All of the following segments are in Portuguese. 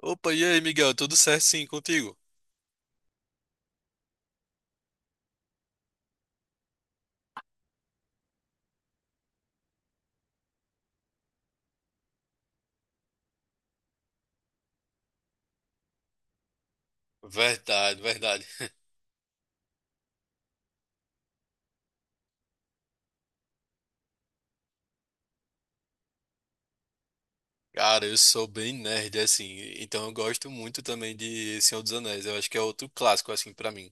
Opa, e aí, Miguel? Tudo certo sim contigo? Verdade, verdade. Cara, eu sou bem nerd, assim, então eu gosto muito também de Senhor dos Anéis. Eu acho que é outro clássico, assim, pra mim.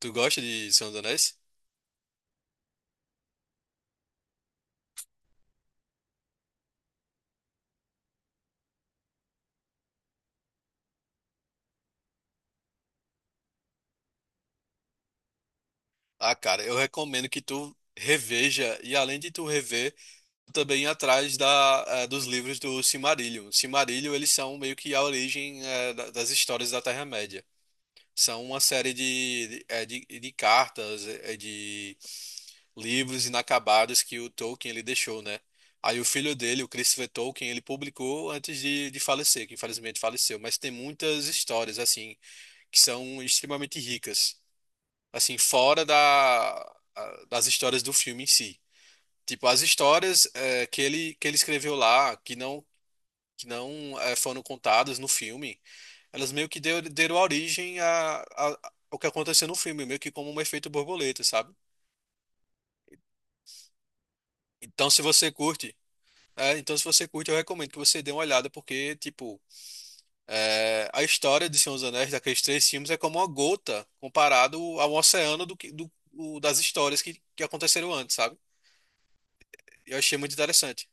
Tu gosta de Senhor dos Anéis? Ah, cara, eu recomendo que tu reveja, e além de tu rever, tu também ir atrás dos livros do Silmarillion. Silmarillion, eles são meio que a origem, das histórias da Terra-média. São uma série de cartas, de livros inacabados que o Tolkien ele deixou, né? Aí o filho dele, o Christopher Tolkien, ele publicou antes de falecer, que infelizmente faleceu, mas tem muitas histórias assim que são extremamente ricas, assim fora da das histórias do filme em si. Tipo as histórias que ele escreveu lá, que não foram contadas no filme, elas meio que deram origem ao que aconteceu no filme, meio que como um efeito borboleta, sabe? Então, se você curte É, então, se você curte, eu recomendo que você dê uma olhada, porque, tipo, é, a história de Senhor dos Anéis, daqueles três filmes, é como uma gota comparado ao oceano do, que- do- o- das histórias que aconteceram antes, sabe? Eu achei muito interessante.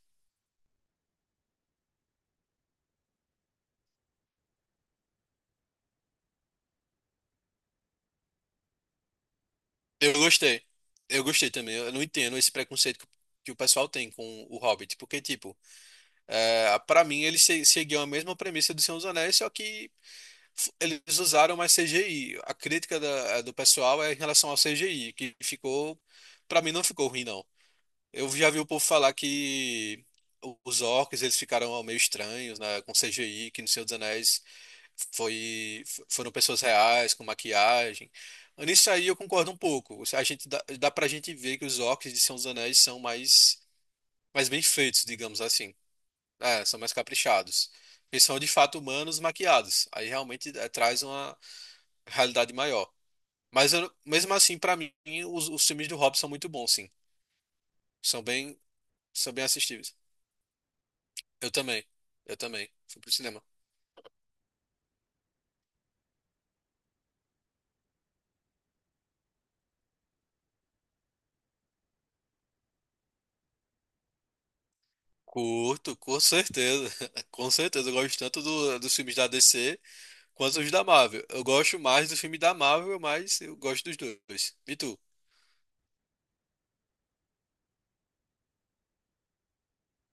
Eu gostei. Eu gostei também. Eu não entendo esse preconceito que o pessoal tem com o Hobbit, porque, tipo, é, para mim, ele se, seguiu a mesma premissa do Senhor dos Anéis, só que eles usaram mais CGI. A crítica do pessoal é em relação ao CGI, que ficou, pra mim, não ficou ruim, não. Eu já vi o povo falar que os orcs eles ficaram meio estranhos, né, com CGI, que no Senhor dos Anéis foram pessoas reais, com maquiagem. Nisso aí eu concordo um pouco. A gente dá pra gente ver que os orcs de Senhor dos Anéis são mais, mais bem feitos, digamos assim. É, são mais caprichados. Eles são de fato humanos maquiados. Aí realmente é, traz uma realidade maior. Mesmo assim, pra mim, os filmes do Hobbit são muito bons, sim. São bem, São bem assistíveis. Eu também. Eu também. Fui pro cinema. Curto, com certeza. Com certeza. Eu gosto tanto dos filmes da DC quanto os da Marvel. Eu gosto mais do filme da Marvel, mas eu gosto dos dois. E tu?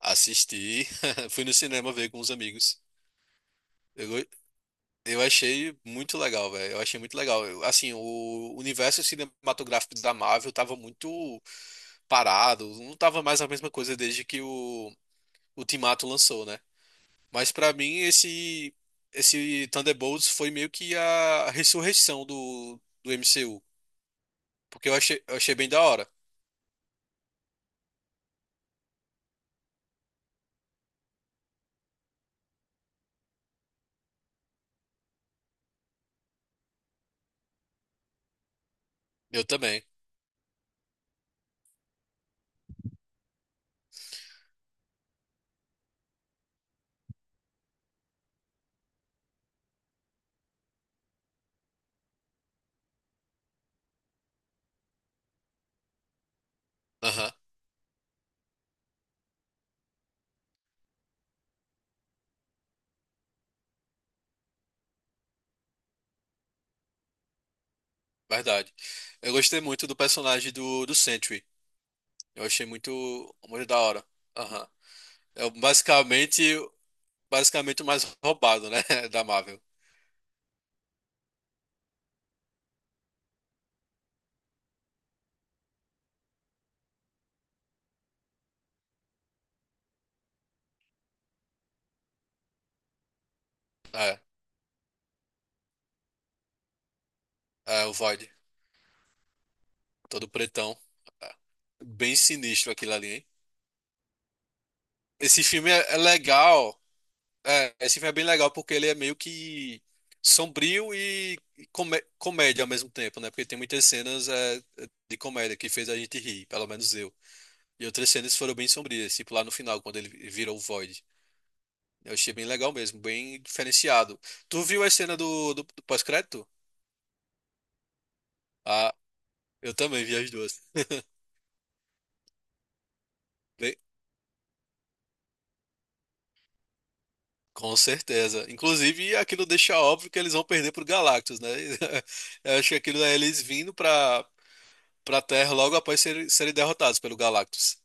Assisti. Fui no cinema ver com os amigos. Eu, go- eu achei muito legal, velho. Eu achei muito legal. Assim, o universo cinematográfico da Marvel tava muito parado. Não tava mais a mesma coisa desde que o Ultimato lançou, né? Mas pra mim esse Thunderbolts foi meio que a ressurreição do MCU, porque eu achei bem da hora. Eu também. Aham, verdade. Eu gostei muito do personagem do Sentry. Eu achei muito da hora. Aham. É basicamente Basicamente o mais roubado, né, da Marvel. É, é o Void, todo pretão. É. Bem sinistro aquilo ali, hein? Esse filme é é legal. É, esse filme é bem legal porque ele é meio que sombrio e comédia ao mesmo tempo, né? Porque tem muitas cenas é de comédia que fez a gente rir, pelo menos eu. E outras cenas foram bem sombrias, tipo lá no final, quando ele virou o Void. Eu achei bem legal mesmo, bem diferenciado. Tu viu a cena do pós-crédito? Ah, eu também vi as duas. Bem, com certeza. Inclusive, aquilo deixa óbvio que eles vão perder pro Galactus, né? Eu acho que aquilo é eles vindo pra Terra logo após serem derrotados pelo Galactus.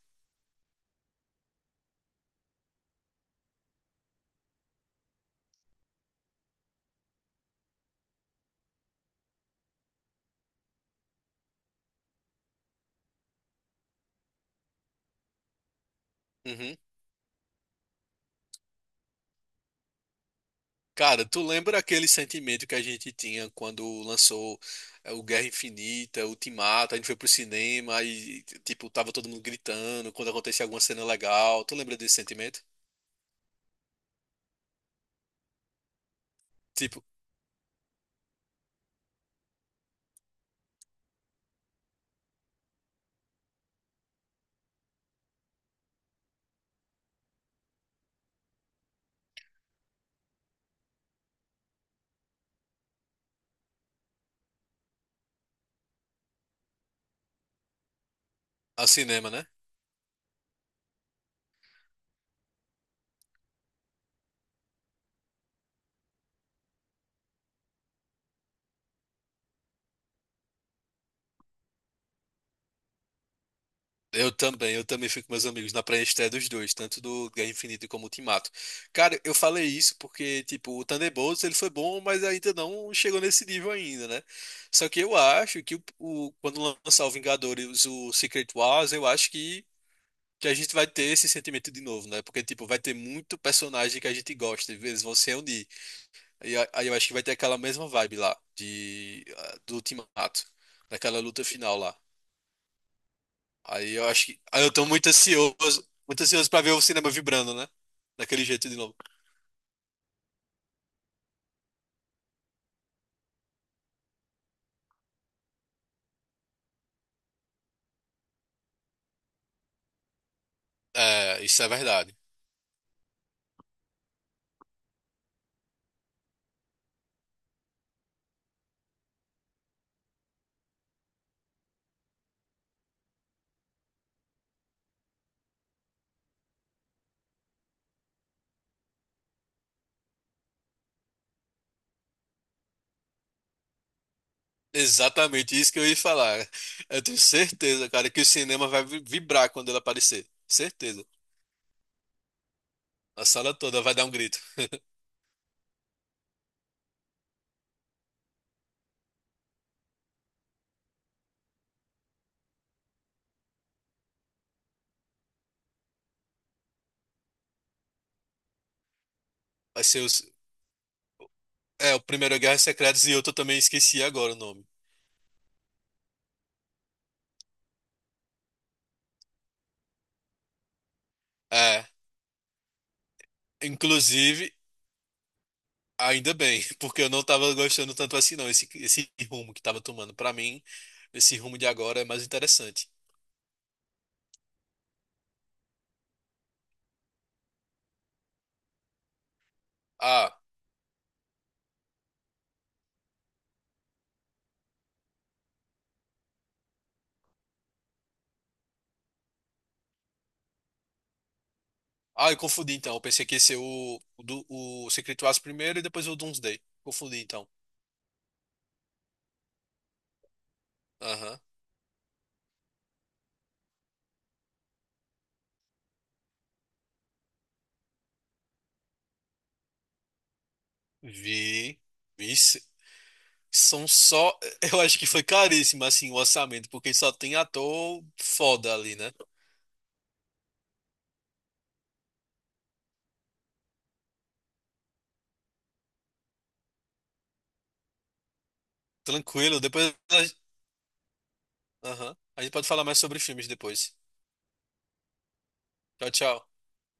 Uhum. Cara, tu lembra aquele sentimento que a gente tinha quando lançou o Guerra Infinita, o Ultimato, a gente foi pro cinema e, tipo, tava todo mundo gritando quando acontecia alguma cena legal. Tu lembra desse sentimento? Tipo, a cinema, né? Eu também fico com meus amigos na pré-estreia dos dois, tanto do Guerra Infinita como Ultimato. Cara, eu falei isso porque, tipo, o Thunderbolts ele foi bom, mas ainda não chegou nesse nível ainda, né? Só que eu acho que quando lançar o Vingadores, o Secret Wars, eu acho que a gente vai ter esse sentimento de novo, né? Porque, tipo, vai ter muito personagem que a gente gosta, e eles vão se reunir. E aí eu acho que vai ter aquela mesma vibe lá, de, ah, do Ultimato, daquela luta final lá. Aí eu acho que. Aí eu tô muito ansioso pra ver o cinema vibrando, né? Daquele jeito de novo. É, isso é verdade. Exatamente isso que eu ia falar. Eu tenho certeza, cara, que o cinema vai vibrar quando ele aparecer. Certeza. A sala toda vai dar um grito. Vai ser os... É, o primeiro Guerra Secretas e outro eu também esqueci agora o nome. É, inclusive, ainda bem, porque eu não tava gostando tanto assim não, esse rumo que tava tomando. Pra mim, esse rumo de agora é mais interessante. Ah. Ah, eu confundi então. Eu pensei que ia ser o Secret Wars primeiro e depois o Doomsday. Confundi então. Aham. Vi. Vi. se- São só. Eu acho que foi caríssimo assim o orçamento, porque só tem ator foda ali, né? Tranquilo. Aham. A gente pode falar mais sobre filmes depois. Tchau, tchau.